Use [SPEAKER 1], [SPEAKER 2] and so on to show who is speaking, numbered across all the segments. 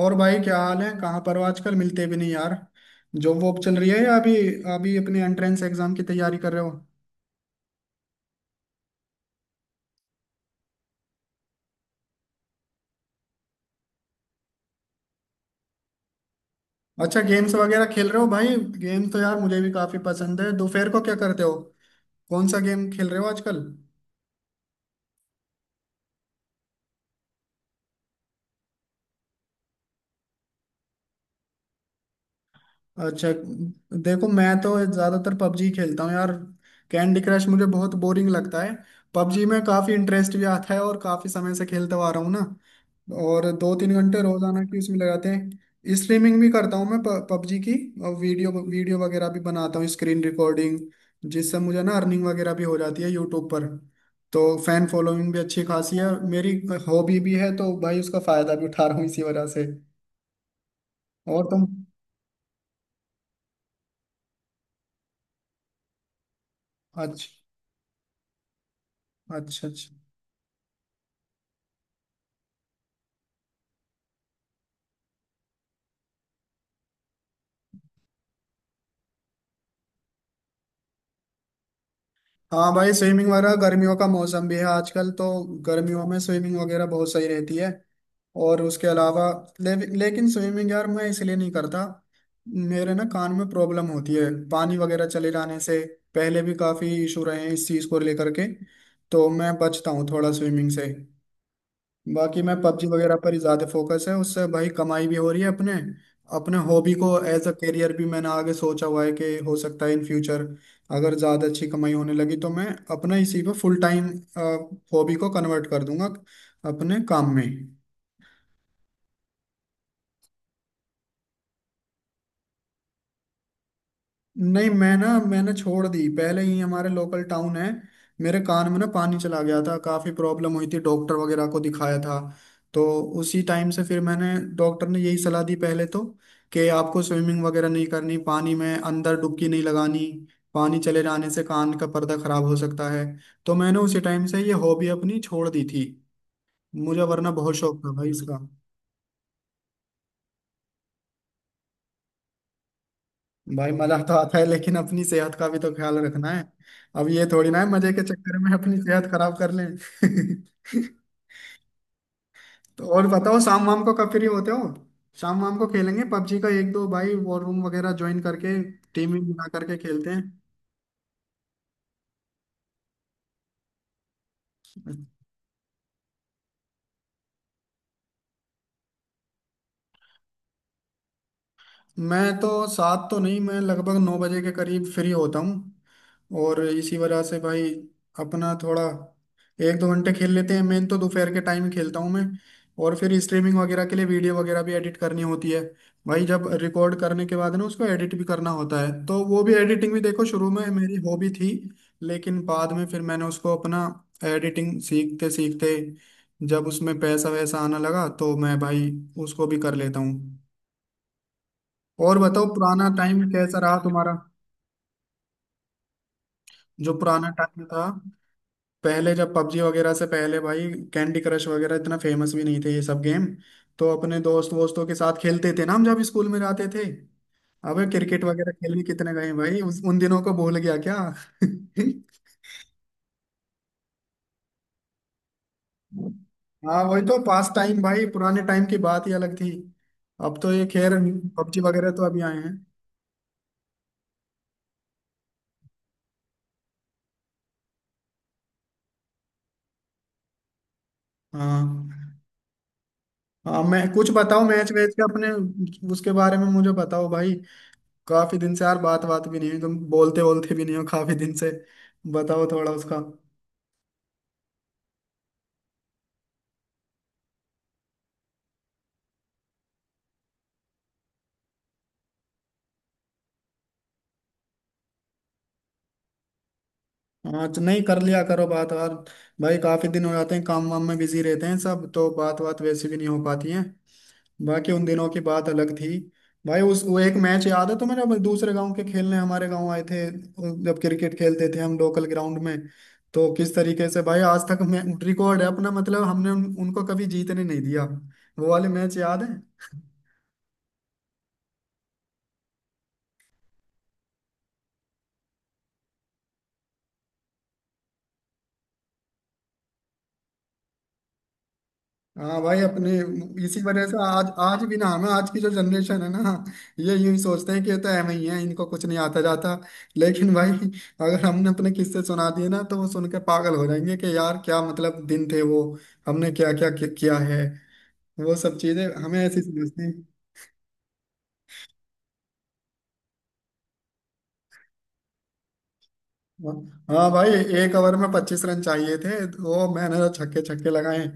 [SPEAKER 1] और भाई क्या हाल है? कहाँ पर हो आजकल? मिलते भी नहीं यार। जॉब वॉब चल रही है, या अभी अभी अपने एंट्रेंस एग्जाम की तैयारी कर रहे हो? अच्छा, गेम्स वगैरह खेल रहे हो भाई। गेम तो यार मुझे भी काफी पसंद है। दोपहर को क्या करते हो? कौन सा गेम खेल रहे हो आजकल? अच्छा। देखो, मैं तो ज्यादातर पबजी खेलता हूँ यार। कैंडी क्रश मुझे बहुत बोरिंग लगता है। पबजी में काफी इंटरेस्ट भी आता है, और काफी समय से खेलते हुआ आ रहा हूँ ना। और दो तीन घंटे रोजाना की उसमें लगाते हैं। स्ट्रीमिंग भी करता हूँ मैं पबजी की। और वीडियो वीडियो वगैरह भी बनाता हूँ, स्क्रीन रिकॉर्डिंग, जिससे मुझे ना अर्निंग वगैरह भी हो जाती है यूट्यूब पर। तो फैन फॉलोइंग भी अच्छी खासी है मेरी। हॉबी भी है, तो भाई उसका फायदा भी उठा रहा हूँ इसी वजह से। और तुम? अच्छा। अच्छा अच्छा। हाँ भाई, स्विमिंग वगैरह, गर्मियों का मौसम भी है आजकल तो। गर्मियों में स्विमिंग वगैरह बहुत सही रहती है। और उसके अलावा लेकिन स्विमिंग यार मैं इसलिए नहीं करता। मेरे ना कान में प्रॉब्लम होती है पानी वगैरह चले जाने से। पहले भी काफी इशू रहे हैं इस चीज को लेकर के। तो मैं बचता हूँ थोड़ा स्विमिंग से। बाकी मैं पबजी वगैरह पर ही ज्यादा फोकस है, उससे भाई कमाई भी हो रही है अपने। अपने हॉबी को एज अ करियर भी मैंने आगे सोचा हुआ है, कि हो सकता है इन फ्यूचर, अगर ज्यादा अच्छी कमाई होने लगी, तो मैं अपना इसी पे फुल टाइम हॉबी को कन्वर्ट कर दूंगा अपने काम में। नहीं, मैं ना मैंने छोड़ दी पहले ही। हमारे लोकल टाउन है, मेरे कान में ना पानी चला गया था, काफी प्रॉब्लम हुई थी, डॉक्टर वगैरह को दिखाया था। तो उसी टाइम से फिर मैंने, डॉक्टर ने यही सलाह दी पहले तो, कि आपको स्विमिंग वगैरह नहीं करनी, पानी में अंदर डुबकी नहीं लगानी, पानी चले जाने से कान का पर्दा खराब हो सकता है। तो मैंने उसी टाइम से ये हॉबी अपनी छोड़ दी थी। मुझे वरना बहुत शौक था भाई इसका। भाई मजा तो आता है, लेकिन अपनी सेहत का भी तो ख्याल रखना है। अब ये थोड़ी ना है मजे के चक्कर में अपनी सेहत खराब कर लें। तो और बताओ, शाम वाम को कब फ्री होते हो? शाम वाम को खेलेंगे पबजी का एक दो, भाई वॉर रूम वगैरह ज्वाइन करके, टीम भी बना करके खेलते हैं। मैं तो सात तो नहीं, मैं लगभग 9 बजे के करीब फ्री होता हूँ। और इसी वजह से भाई अपना थोड़ा एक दो घंटे खेल लेते हैं। मैं तो दोपहर के टाइम खेलता हूँ मैं। और फिर स्ट्रीमिंग वगैरह के लिए वीडियो वगैरह भी एडिट करनी होती है भाई। जब रिकॉर्ड करने के बाद ना उसको एडिट भी करना होता है, तो वो भी, एडिटिंग भी देखो शुरू में मेरी हॉबी थी। लेकिन बाद में फिर मैंने उसको अपना एडिटिंग सीखते सीखते, जब उसमें पैसा वैसा आना लगा, तो मैं भाई उसको भी कर लेता हूँ। और बताओ, पुराना टाइम कैसा रहा तुम्हारा? जो पुराना टाइम था, पहले जब पबजी वगैरह से पहले भाई, कैंडी क्रश वगैरह इतना फेमस भी नहीं थे ये सब गेम, तो अपने दोस्त वोस्तों के साथ खेलते थे ना हम जब स्कूल में जाते थे। अबे, क्रिकेट वगैरह खेलने कितने गए भाई, उस उन दिनों को भूल गया क्या? हाँ वही तो पास टाइम भाई, पुराने टाइम की बात ही अलग थी। अब तो ये खैर, पबजी वगैरह तो अभी आए हैं। हाँ। हाँ, मैं कुछ बताओ मैच वैच के अपने, उसके बारे में मुझे बताओ भाई। काफी दिन से यार बात बात भी नहीं हुई, तुम बोलते बोलते भी नहीं हो काफी दिन से। बताओ थोड़ा उसका। हाँ तो नहीं, कर लिया करो बात यार। भाई, काफी दिन हो जाते हैं, काम वाम में बिजी रहते हैं सब, तो बात बात वैसे भी नहीं हो पाती है। बाकी उन दिनों की बात अलग थी। भाई उस वो एक मैच याद है तुम्हें, जब दूसरे गांव के खेलने हमारे गांव आए थे, जब क्रिकेट खेलते थे हम लोकल ग्राउंड में, तो किस तरीके से भाई आज तक मैं रिकॉर्ड है अपना, मतलब हमने उनको कभी जीतने नहीं दिया। वो वाले मैच याद है? हाँ भाई अपने। इसी वजह से आज आज भी ना, हमें आज की जो जनरेशन है ना, ये यूं ही सोचते हैं कि ये तो एम ही है, इनको कुछ नहीं आता जाता। लेकिन भाई अगर हमने अपने किस्से सुना दिए ना, तो वो सुन के पागल हो जाएंगे कि यार क्या मतलब दिन थे वो, हमने क्या क्या किया है। वो सब चीजें हमें ऐसी समझती हैं। हाँ भाई, एक ओवर में 25 रन चाहिए थे, तो वो मैंने तो छक्के छक्के लगाए,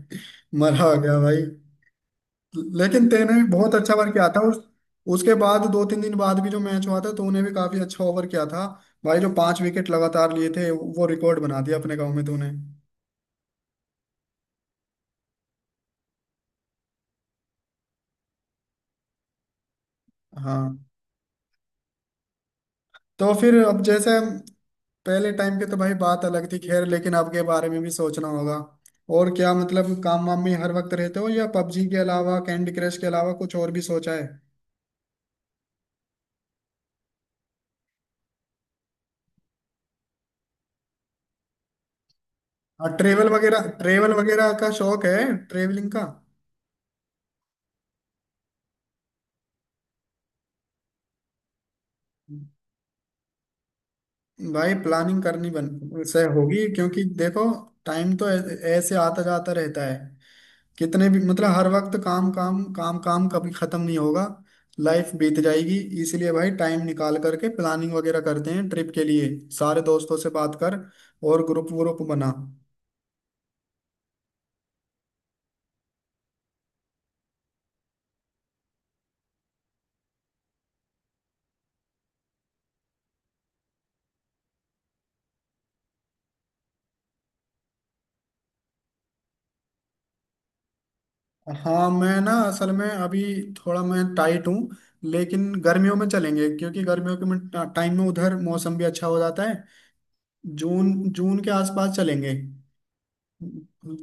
[SPEAKER 1] मरा हो गया भाई। लेकिन तेने भी बहुत अच्छा ओवर किया था उस, उसके बाद दो तीन दिन बाद भी जो मैच हुआ था, तो उन्हें भी काफी अच्छा ओवर किया था भाई। जो 5 विकेट लगातार लिए थे, वो रिकॉर्ड बना दिया अपने गांव में तूने। हाँ, तो फिर अब जैसे, पहले टाइम की तो भाई बात अलग थी खैर, लेकिन आपके बारे में भी सोचना होगा। और क्या मतलब काम वाम में हर वक्त रहते हो, या पबजी के अलावा, कैंडी क्रश के अलावा कुछ और भी सोचा है? हाँ ट्रेवल वगैरह, ट्रेवल वगैरह का शौक है, ट्रेवलिंग का। भाई प्लानिंग करनी बन से होगी, क्योंकि देखो टाइम तो ऐसे आता जाता रहता है। कितने भी मतलब हर वक्त काम काम काम काम कभी खत्म नहीं होगा, लाइफ बीत जाएगी। इसलिए भाई टाइम निकाल करके प्लानिंग वगैरह करते हैं ट्रिप के लिए, सारे दोस्तों से बात कर, और ग्रुप व्रुप बना। हाँ, मैं ना असल में अभी थोड़ा मैं टाइट हूँ, लेकिन गर्मियों में चलेंगे, क्योंकि गर्मियों के में टाइम में उधर मौसम भी अच्छा हो जाता है। जून जून के आसपास चलेंगे।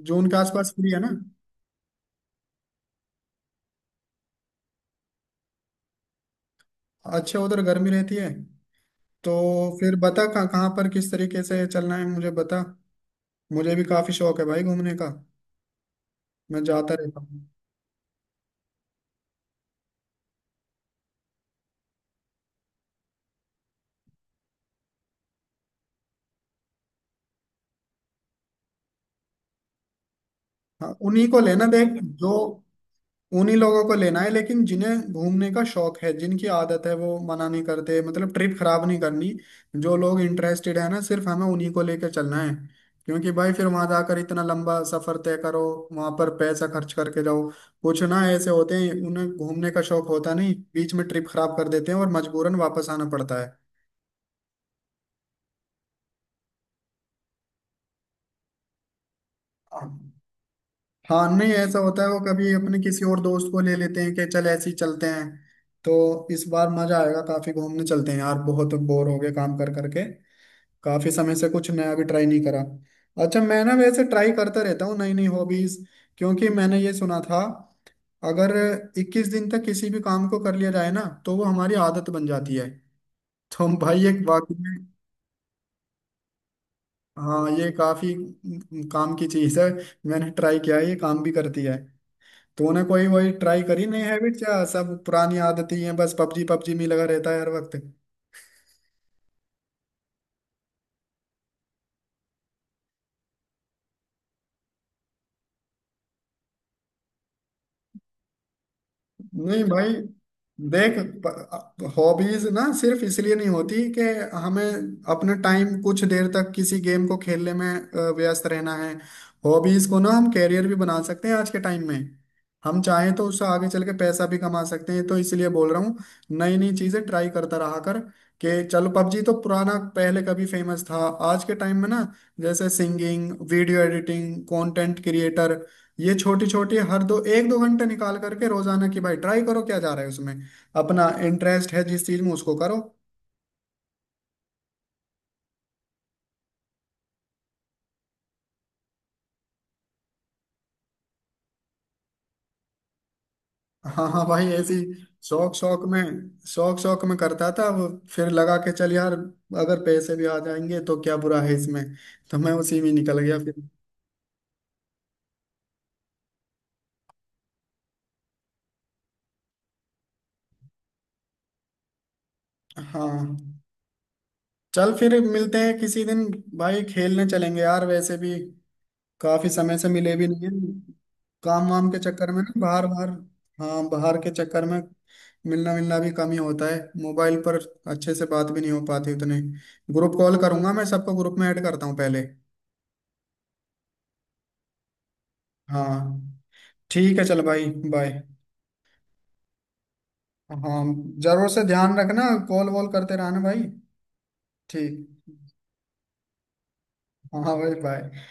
[SPEAKER 1] जून के आसपास फ्री है ना? अच्छा, उधर गर्मी रहती है? तो फिर बता कहाँ कहाँ पर किस तरीके से चलना है, मुझे बता। मुझे भी काफी शौक है भाई घूमने का, मैं जाता रहता हूँ। हाँ उन्हीं को लेना, देख जो उन्हीं लोगों को लेना है, लेकिन जिन्हें घूमने का शौक है, जिनकी आदत है, वो मना नहीं करते। मतलब ट्रिप खराब नहीं करनी। जो लोग इंटरेस्टेड है ना, सिर्फ हमें उन्हीं को लेकर चलना है। क्योंकि भाई फिर वहां जाकर इतना लंबा सफर तय करो, वहां पर पैसा खर्च करके जाओ, कुछ ना ऐसे होते हैं उन्हें घूमने का शौक होता नहीं, बीच में ट्रिप खराब कर देते हैं, और मजबूरन वापस आना पड़ता है। हाँ नहीं ऐसा होता है, वो कभी अपने किसी और दोस्त को ले लेते हैं कि चल ऐसे ही चलते हैं। तो इस बार मजा आएगा, काफी घूमने चलते हैं यार, बहुत बोर हो गए काम कर करके। काफी समय से कुछ नया भी ट्राई नहीं करा। अच्छा, मैं ना वैसे ट्राई करता रहता हूँ नई नई हॉबीज। क्योंकि मैंने ये सुना था, अगर 21 दिन तक किसी भी काम को कर लिया जाए ना, तो वो हमारी आदत बन जाती है। तो भाई एक वाकई में, हाँ ये काफी काम की चीज है। मैंने ट्राई किया है, ये काम भी करती है। तूने कोई वही ट्राई करी नहीं हैबिट? क्या सब पुरानी आदतें ही हैं, बस पबजी पबजी में ही लगा रहता है हर वक्त? नहीं भाई देख, हॉबीज ना सिर्फ इसलिए नहीं होती कि हमें अपना टाइम कुछ देर तक किसी गेम को खेलने में व्यस्त रहना है। हॉबीज को ना हम कैरियर भी बना सकते हैं आज के टाइम में, हम चाहें तो उससे आगे चल के पैसा भी कमा सकते हैं। तो इसलिए बोल रहा हूँ, नई नई चीजें ट्राई करता रहा कर। कि चलो पबजी तो पुराना, पहले कभी फेमस था। आज के टाइम में ना, जैसे singing, video editing, content creator, ये छोटी छोटी हर दो, एक दो घंटे निकाल करके रोजाना की भाई ट्राई करो क्या जा रहा है उसमें। अपना इंटरेस्ट है जिस चीज में, उसको करो। हाँ हाँ भाई ऐसी। शौक शौक में शौक शौक में करता था वो, फिर लगा के चल यार अगर पैसे भी आ जाएंगे तो क्या बुरा है इसमें। तो मैं उसी में निकल गया फिर। हाँ, चल फिर मिलते हैं किसी दिन भाई। खेलने चलेंगे यार, वैसे भी काफी समय से मिले भी नहीं है, काम वाम के चक्कर में ना, बाहर बाहर। हाँ बाहर के चक्कर में मिलना मिलना भी कम ही होता है। मोबाइल पर अच्छे से बात भी नहीं हो पाती उतने। ग्रुप कॉल करूंगा मैं, सबको ग्रुप में ऐड करता हूँ पहले। हाँ। ठीक है चल भाई, बाय। हाँ, जरूर से ध्यान रखना, कॉल वॉल करते रहना भाई। ठीक। हाँ भाई बाय।